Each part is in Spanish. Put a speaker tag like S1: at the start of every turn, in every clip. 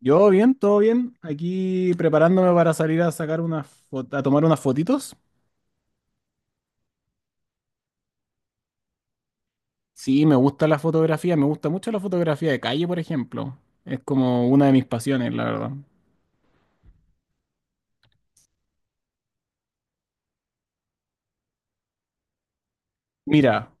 S1: Yo bien, todo bien. Aquí preparándome para salir a sacar unas a tomar unas fotitos. Sí, me gusta la fotografía, me gusta mucho la fotografía de calle, por ejemplo. Es como una de mis pasiones, la verdad. Mira,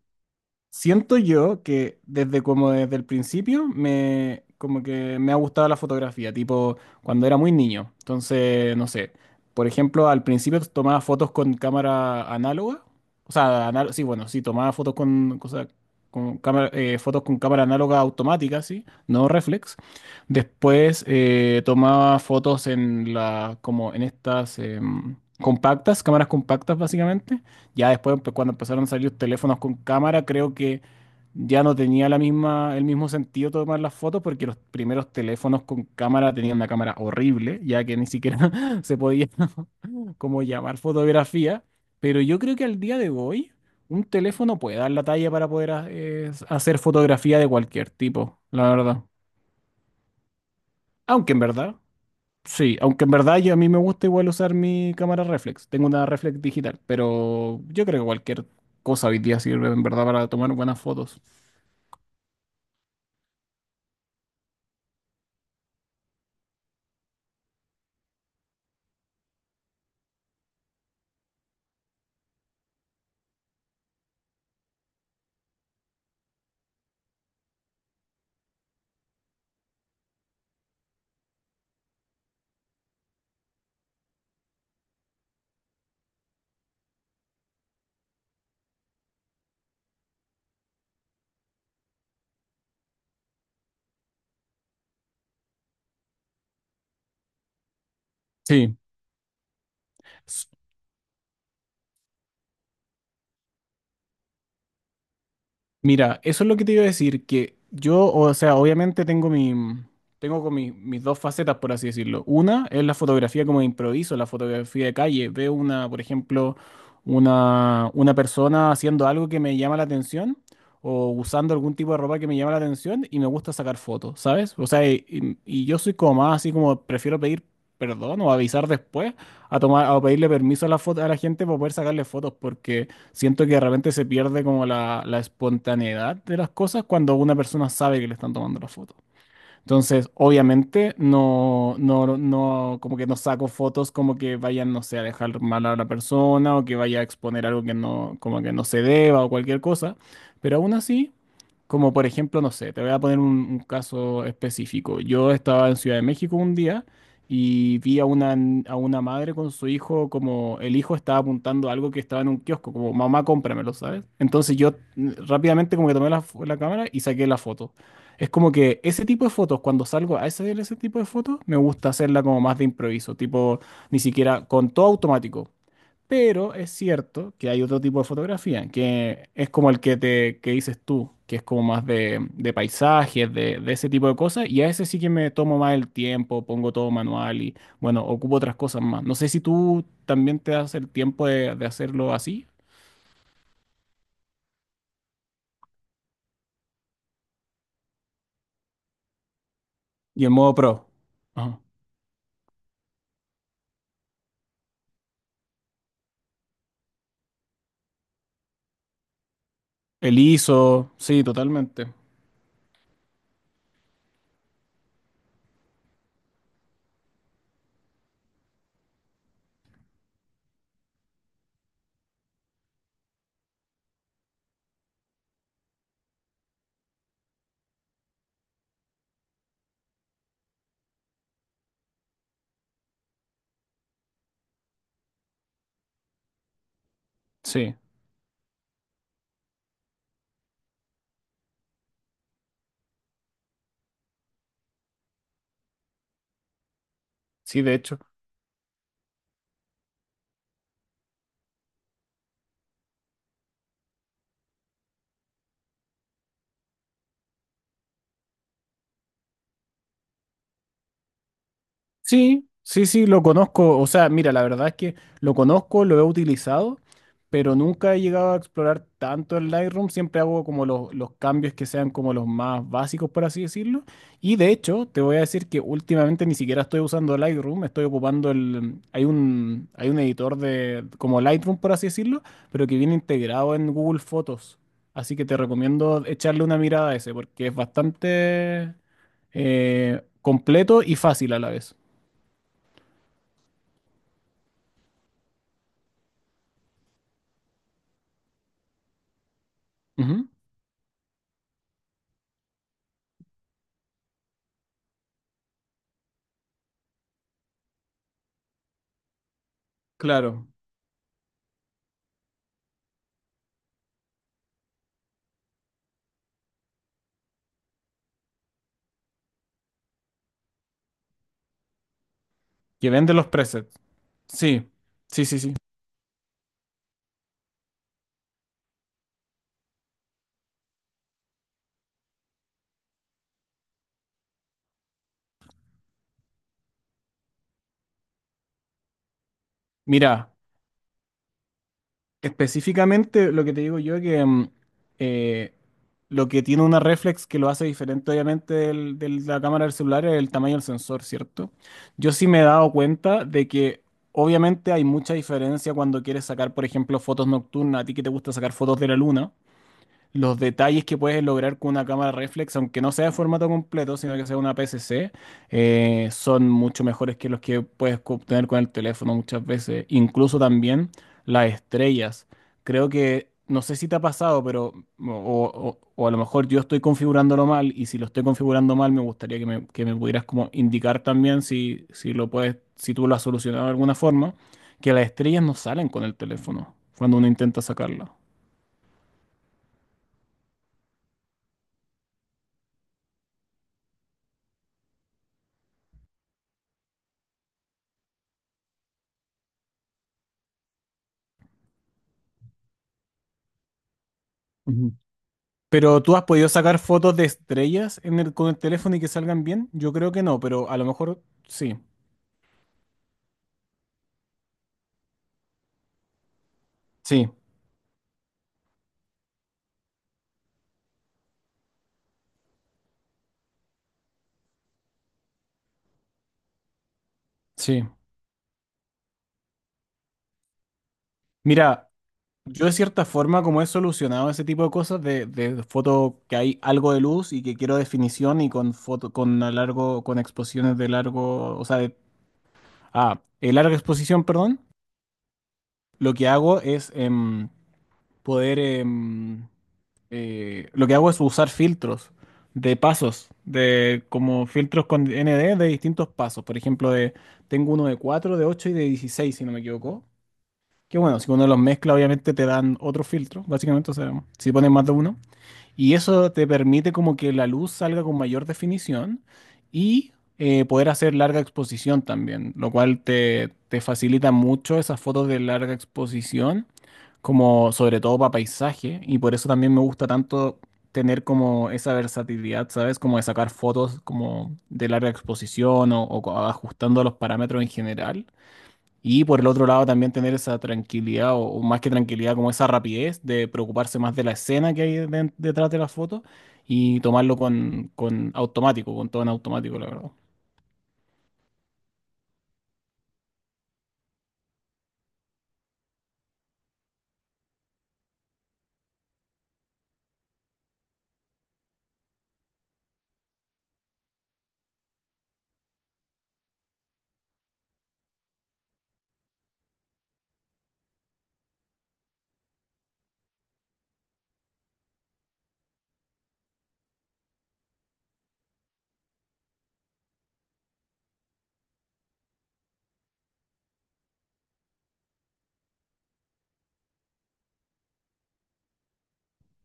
S1: siento yo que desde como desde el principio me como que me ha gustado la fotografía, tipo cuando era muy niño. Entonces, no sé, por ejemplo, al principio tomaba fotos con cámara análoga, o sea, sí, bueno, sí, tomaba fotos con cosa con cámara, fotos con cámara análoga automática, sí, no reflex. Después, tomaba fotos en la como en estas compactas, cámaras compactas básicamente. Ya después, pues, cuando empezaron a salir los teléfonos con cámara, creo que ya no tenía la misma, el mismo sentido tomar las fotos porque los primeros teléfonos con cámara tenían una cámara horrible, ya que ni siquiera se podía como llamar fotografía. Pero yo creo que al día de hoy un teléfono puede dar la talla para poder hacer fotografía de cualquier tipo, la verdad. Aunque en verdad, Sí, aunque en verdad yo, a mí me gusta igual usar mi cámara reflex. Tengo una reflex digital, pero yo creo que cualquier cosa hoy día sirve en verdad para tomar buenas fotos. Sí. Mira, eso es lo que te iba a decir, que yo, o sea, obviamente tengo mi, tengo con mis dos facetas, por así decirlo. Una es la fotografía como de improviso, la fotografía de calle. Veo una, por ejemplo, una persona haciendo algo que me llama la atención o usando algún tipo de ropa que me llama la atención y me gusta sacar fotos, ¿sabes? O sea, y yo soy como más así, como prefiero pedir perdón o avisar después a tomar, a pedirle permiso a la foto, a la gente para poder sacarle fotos porque... Siento que de repente se pierde como la espontaneidad de las cosas cuando una persona sabe que le están tomando la foto. Entonces, obviamente, no, no, no, como que no saco fotos como que vayan, no sé, a dejar mal a la persona o que vaya a exponer algo que no, como que no se deba o cualquier cosa. Pero aún así, como por ejemplo, no sé, te voy a poner un caso específico. Yo estaba en Ciudad de México un día y vi a una madre con su hijo, como el hijo estaba apuntando algo que estaba en un kiosco, como mamá, cómpramelo, ¿sabes? Entonces yo, rápidamente como que tomé la cámara y saqué la foto. Es como que ese tipo de fotos, cuando salgo a hacer ese tipo de fotos, me gusta hacerla como más de improviso, tipo ni siquiera con todo automático. Pero es cierto que hay otro tipo de fotografía, que es como el que te que dices tú, que es como más de paisajes, de ese tipo de cosas, y a ese sí que me tomo más el tiempo, pongo todo manual y bueno, ocupo otras cosas más. No sé si tú también te das el tiempo de hacerlo así y en modo pro. Ajá. El ISO, sí, totalmente. Sí, sí, de hecho. Sí, sí, sí, lo conozco. O sea, mira, la verdad es que lo conozco, lo he utilizado, pero nunca he llegado a explorar tanto el Lightroom. Siempre hago como los cambios que sean como los más básicos, por así decirlo. Y de hecho, te voy a decir que últimamente ni siquiera estoy usando Lightroom, estoy ocupando hay un editor de como Lightroom, por así decirlo, pero que viene integrado en Google Fotos. Así que te recomiendo echarle una mirada a ese, porque es bastante, completo y fácil a la vez. Ujú. Claro, que vende los presets. Sí, sí, sí, sí. Mira, específicamente lo que te digo yo es que, eh, lo que tiene una reflex que lo hace diferente obviamente de la cámara del celular es el tamaño del sensor, ¿cierto? Yo sí me he dado cuenta de que obviamente hay mucha diferencia cuando quieres sacar, por ejemplo, fotos nocturnas, a ti que te gusta sacar fotos de la luna, los detalles que puedes lograr con una cámara reflex, aunque no sea de formato completo, sino que sea una PSC, son mucho mejores que los que puedes obtener con el teléfono muchas veces. Incluso también las estrellas. Creo que, no sé si te ha pasado, pero, o a lo mejor yo estoy configurándolo mal, y si lo estoy configurando mal, me gustaría que me pudieras como indicar también, si, lo puedes, si tú lo has solucionado de alguna forma, que las estrellas no salen con el teléfono cuando uno intenta sacarla. ¿Pero tú has podido sacar fotos de estrellas con el teléfono y que salgan bien? Yo creo que no, pero a lo mejor sí, sí, sí. Mira, yo de cierta forma como he solucionado ese tipo de cosas de foto que hay algo de luz y que quiero definición y con foto con a largo con exposiciones de largo, o sea, de larga exposición, perdón. Lo que hago es poder... em, usar filtros de pasos, de como filtros con ND de distintos pasos. Por ejemplo, tengo uno de 4, de 8 y de 16, si no me equivoco. Que bueno, si uno los mezcla, obviamente te dan otro filtro, básicamente. O sea, si pones más de uno. Y eso te permite como que la luz salga con mayor definición y, poder hacer larga exposición también, lo cual te facilita mucho esas fotos de larga exposición, como sobre todo para paisaje. Y por eso también me gusta tanto tener como esa versatilidad, ¿sabes? Como de sacar fotos como de larga exposición, ajustando los parámetros en general, y por el otro lado también tener esa tranquilidad, o más que tranquilidad, como esa rapidez de preocuparse más de la escena que hay detrás de la foto y tomarlo con automático, con todo en automático, la verdad.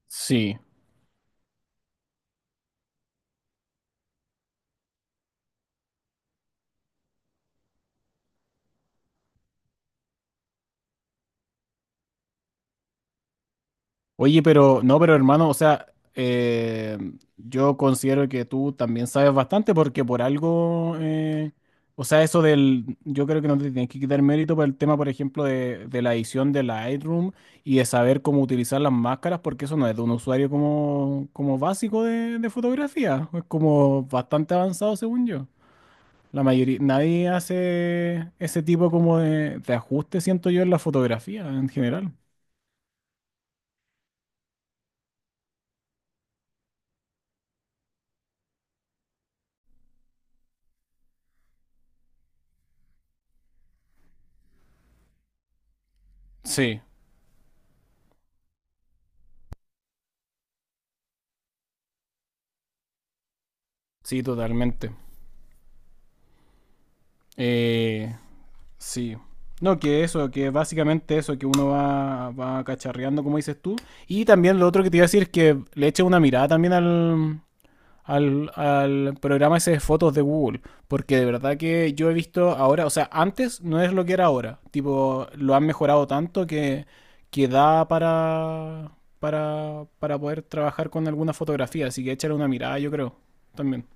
S1: Sí. Oye, pero no, pero hermano, o sea, eh, yo considero que tú también sabes bastante porque por algo, o sea, yo creo que no te tienes que quitar mérito por el tema, por ejemplo, de la edición de Lightroom y de saber cómo utilizar las máscaras, porque eso no es de un usuario como básico de fotografía, es como bastante avanzado según yo. La mayoría, nadie hace ese tipo como de ajuste, siento yo, en la fotografía en general. Sí, sí, totalmente. Eh, sí. No, que eso, que básicamente eso, que uno va cacharreando, como dices tú. Y también lo otro que te iba a decir es que le eche una mirada también al programa ese de fotos de Google. Porque de verdad que yo he visto ahora, o sea, antes no es lo que era ahora. Tipo, lo han mejorado tanto que da para poder trabajar con alguna fotografía. Así que échale una mirada, yo creo. También.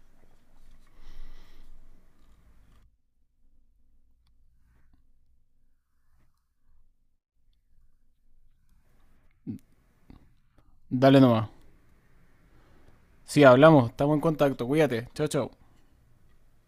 S1: Dale nomás. Sí, hablamos, estamos en contacto. Cuídate. Chao, chao.